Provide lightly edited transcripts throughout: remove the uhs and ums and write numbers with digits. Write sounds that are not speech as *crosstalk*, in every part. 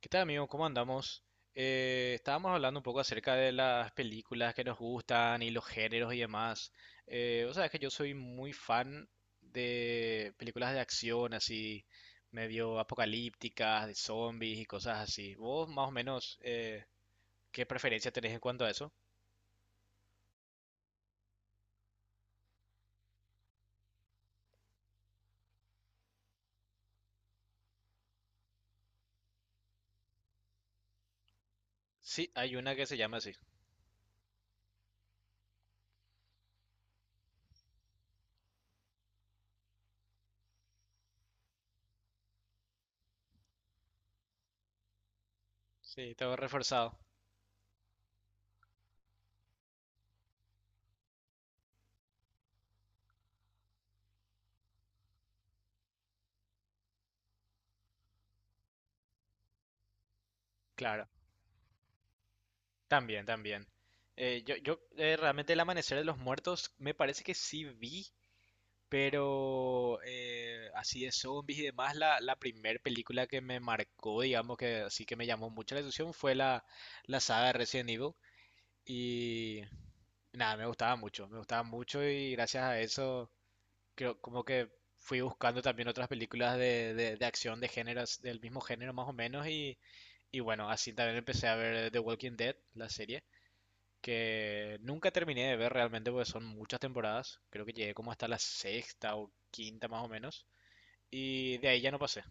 ¿Qué tal, amigo? ¿Cómo andamos? Estábamos hablando un poco acerca de las películas que nos gustan y los géneros y demás. Vos sabés que yo soy muy fan de películas de acción, así medio apocalípticas, de zombies y cosas así. ¿Vos más o menos qué preferencia tenés en cuanto a eso? Sí, hay una que se llama así. Sí, todo reforzado. Claro, también, también. Yo yo Realmente El Amanecer de los Muertos me parece que sí vi, pero así de zombies y demás, la primera película que me marcó, digamos que así que me llamó mucho la atención fue la saga de Resident Evil. Y nada, me gustaba mucho, me gustaba mucho, y gracias a eso creo como que fui buscando también otras películas de acción de géneros, del mismo género más o menos. Y bueno, así también empecé a ver The Walking Dead, la serie que nunca terminé de ver realmente porque son muchas temporadas. Creo que llegué como hasta la sexta o quinta más o menos. Y de ahí ya no pasé.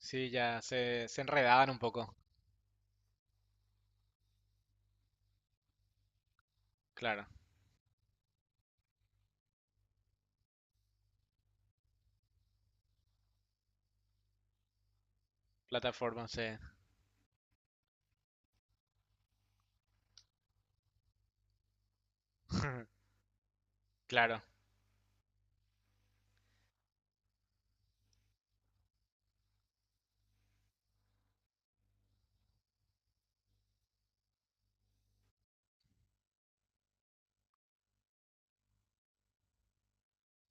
Sí, ya se enredaban un poco. Claro, plataforma se... *laughs* Claro,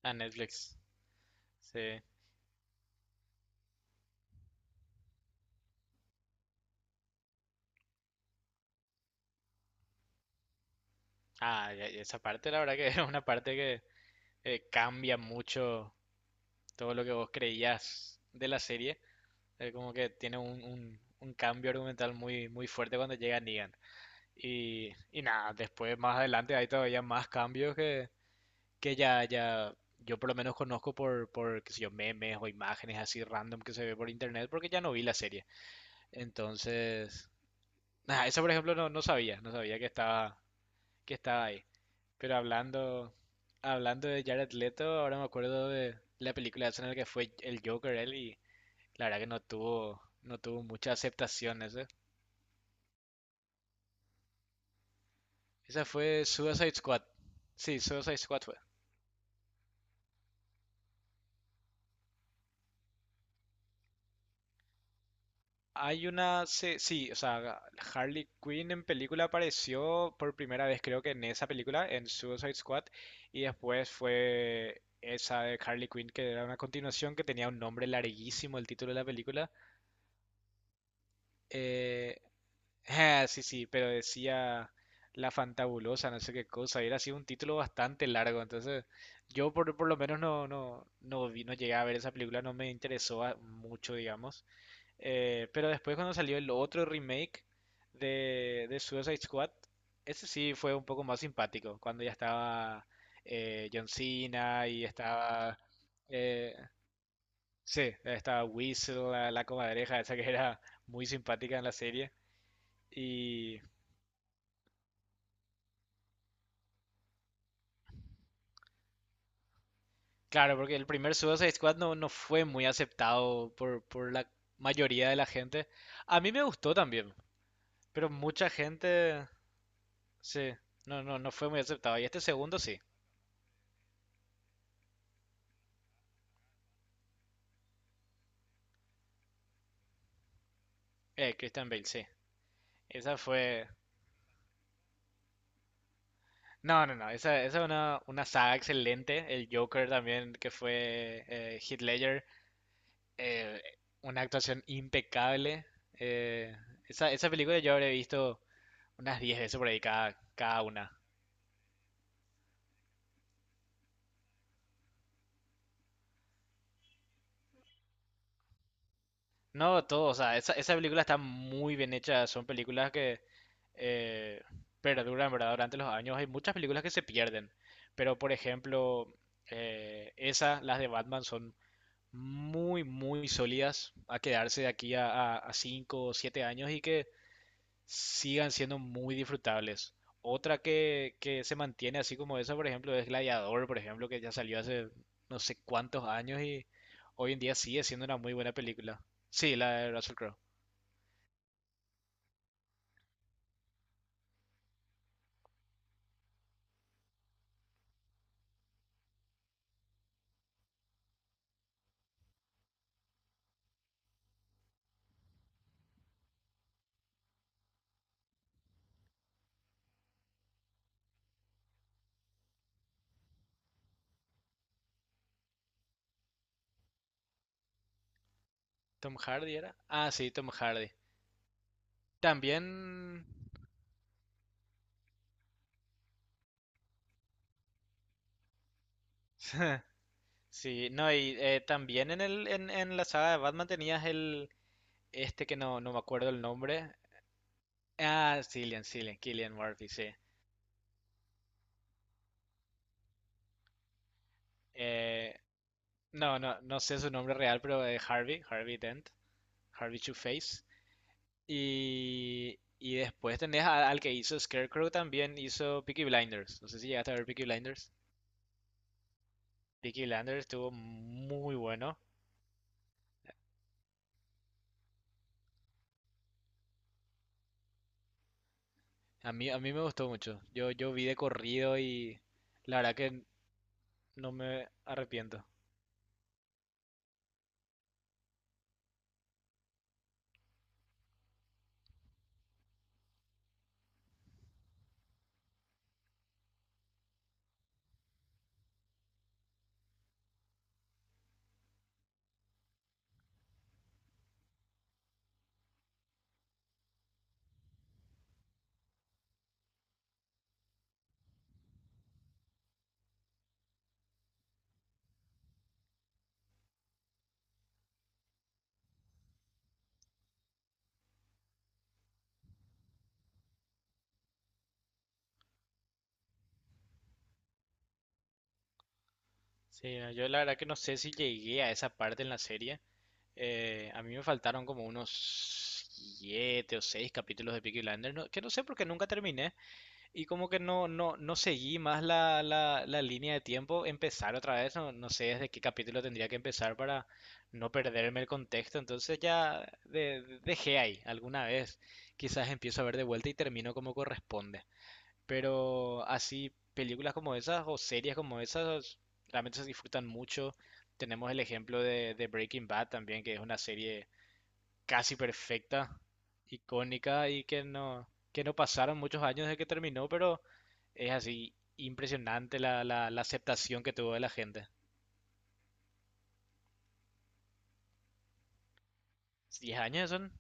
a Netflix. Sí. Ah, ya ya esa parte la verdad que *laughs* es una parte que cambia mucho todo lo que vos creías de la serie. Como que tiene un cambio argumental muy, muy fuerte cuando llega Negan. Y nada, después más adelante hay todavía más cambios que ya, ya yo por lo menos conozco qué sé yo, memes o imágenes así random que se ve por internet porque ya no vi la serie. Entonces, nada, eso por ejemplo no, no sabía, no sabía que estaba ahí. Pero hablando, hablando de Jared Leto, ahora me acuerdo de la película esa en la que fue el Joker él, y la verdad que no tuvo, no tuvo mucha aceptación ese. Esa fue Suicide Squad. Sí, Suicide Squad fue. Hay una, se- sí, o sea, Harley Quinn en película apareció por primera vez creo que en esa película, en Suicide Squad, y después fue esa de Harley Quinn, que era una continuación que tenía un nombre larguísimo el título de la película. Eh, *laughs* sí, sí, pero decía La Fantabulosa, no sé qué cosa, y era así un título bastante largo, entonces yo por lo menos no, no, no vi, no llegué a ver esa película, no me interesó a- mucho, digamos. Pero después cuando salió el otro remake de Suicide Squad, ese sí fue un poco más simpático, cuando ya estaba John Cena y estaba... eh, sí, estaba Weasel, la comadreja esa que era muy simpática en la serie. Y claro, porque el primer Suicide Squad no, no fue muy aceptado por la mayoría de la gente. A mí me gustó también, pero mucha gente, sí, no, no, no fue muy aceptado. Y este segundo sí. Christian Bale, sí. Esa fue. No, no, no. Esa es una saga excelente. El Joker también, que fue Heath Ledger. eh, una actuación impecable. Eh, Esa película yo habré visto unas 10 veces por ahí cada, cada una. No, todo. O sea, esa película está muy bien hecha. Son películas que eh, perduran, ¿verdad? Durante los años. Hay muchas películas que se pierden. Pero, por ejemplo, las de Batman son muy, muy sólidas a quedarse de aquí a 5 o 7 años y que sigan siendo muy disfrutables. Otra que se mantiene así como esa, por ejemplo, es Gladiador, por ejemplo, que ya salió hace no sé cuántos años y hoy en día sigue siendo una muy buena película. Sí, la de Russell Crowe. ¿Tom Hardy era? Ah, sí, Tom Hardy. También... *laughs* Sí, no, y también en, el, en la saga de Batman tenías el... Este que no, no me acuerdo el nombre. Ah, sí, Cillian Murphy, sí. Eh, no, no, no sé su nombre real, pero Harvey, Harvey Dent, Harvey Two-Face. Y después tenés a- al que hizo Scarecrow también, hizo Peaky Blinders. No sé si llegaste a ver Peaky Blinders. Peaky Blinders estuvo muy bueno. A mí me gustó mucho. Yo vi de corrido y la verdad que no me arrepiento. Sí, no, yo la verdad que no sé si llegué a esa parte en la serie. A mí me faltaron como unos siete o seis capítulos de Peaky Blinders, no- que no sé por qué nunca terminé, y como que no, no, no seguí más la línea de tiempo, empezar otra vez, no, no sé desde qué capítulo tendría que empezar para no perderme el contexto, entonces ya de- dejé ahí alguna vez, quizás empiezo a ver de vuelta y termino como corresponde. Pero así, películas como esas o series como esas realmente se disfrutan mucho. Tenemos el ejemplo de Breaking Bad también, que es una serie casi perfecta, icónica, y que no pasaron muchos años desde que terminó, pero es así impresionante la aceptación que tuvo de la gente. ¿Diez años son?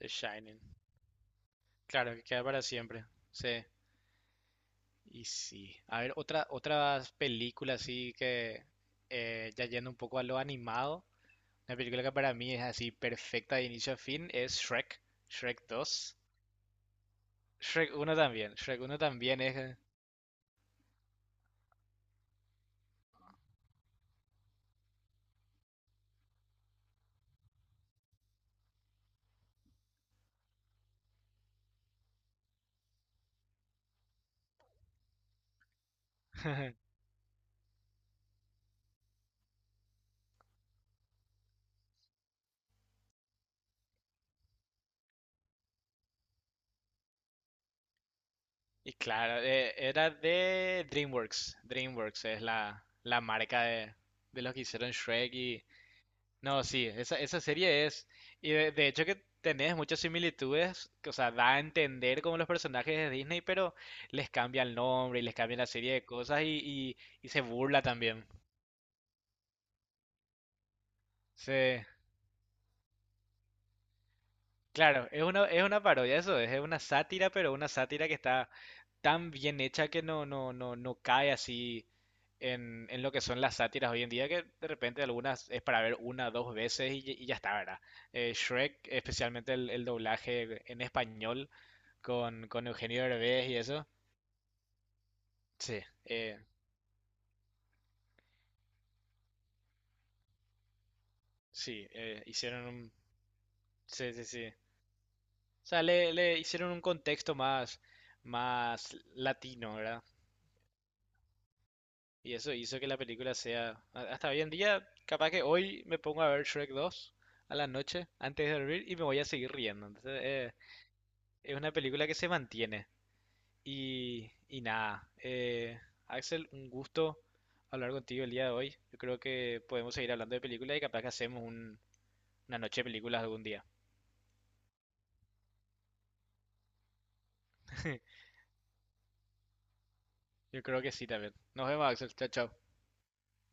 The Shining. Claro, que queda para siempre. Sí. Y sí. A ver, otra, otras películas así que ya yendo un poco a lo animado. Una película que para mí es así perfecta de inicio a fin es Shrek, Shrek dos. Shrek uno también es... *laughs* Y claro, era de DreamWorks. DreamWorks es la, la marca de los que hicieron Shrek y... No, sí, esa serie es... Y de hecho que tenés muchas similitudes, que, o sea, da a entender como los personajes de Disney, pero les cambia el nombre y les cambia la serie de cosas, y se burla también. Sí. Claro, es una parodia, eso es una sátira, pero una sátira que está tan bien hecha que no, no, no, no cae así en lo que son las sátiras hoy en día, que de repente algunas es para ver una, dos veces y ya, y ya está, ¿verdad? Shrek, especialmente el doblaje en español con Eugenio Derbez y eso. Sí, eh, sí, hicieron un... Sí, sí, sí. O sea, le hicieron un contexto más, más latino, ¿verdad? Y eso hizo que la película sea, a- hasta hoy en día, capaz que hoy me pongo a ver Shrek 2 a la noche antes de dormir y me voy a seguir riendo. Entonces, es una película que se mantiene. Y nada, Axel, un gusto hablar contigo el día de hoy. Yo creo que podemos seguir hablando de películas y capaz que hacemos un- una noche de películas algún día. *laughs* Yo creo que sí también. Nos vemos, Axel. Chao, chao.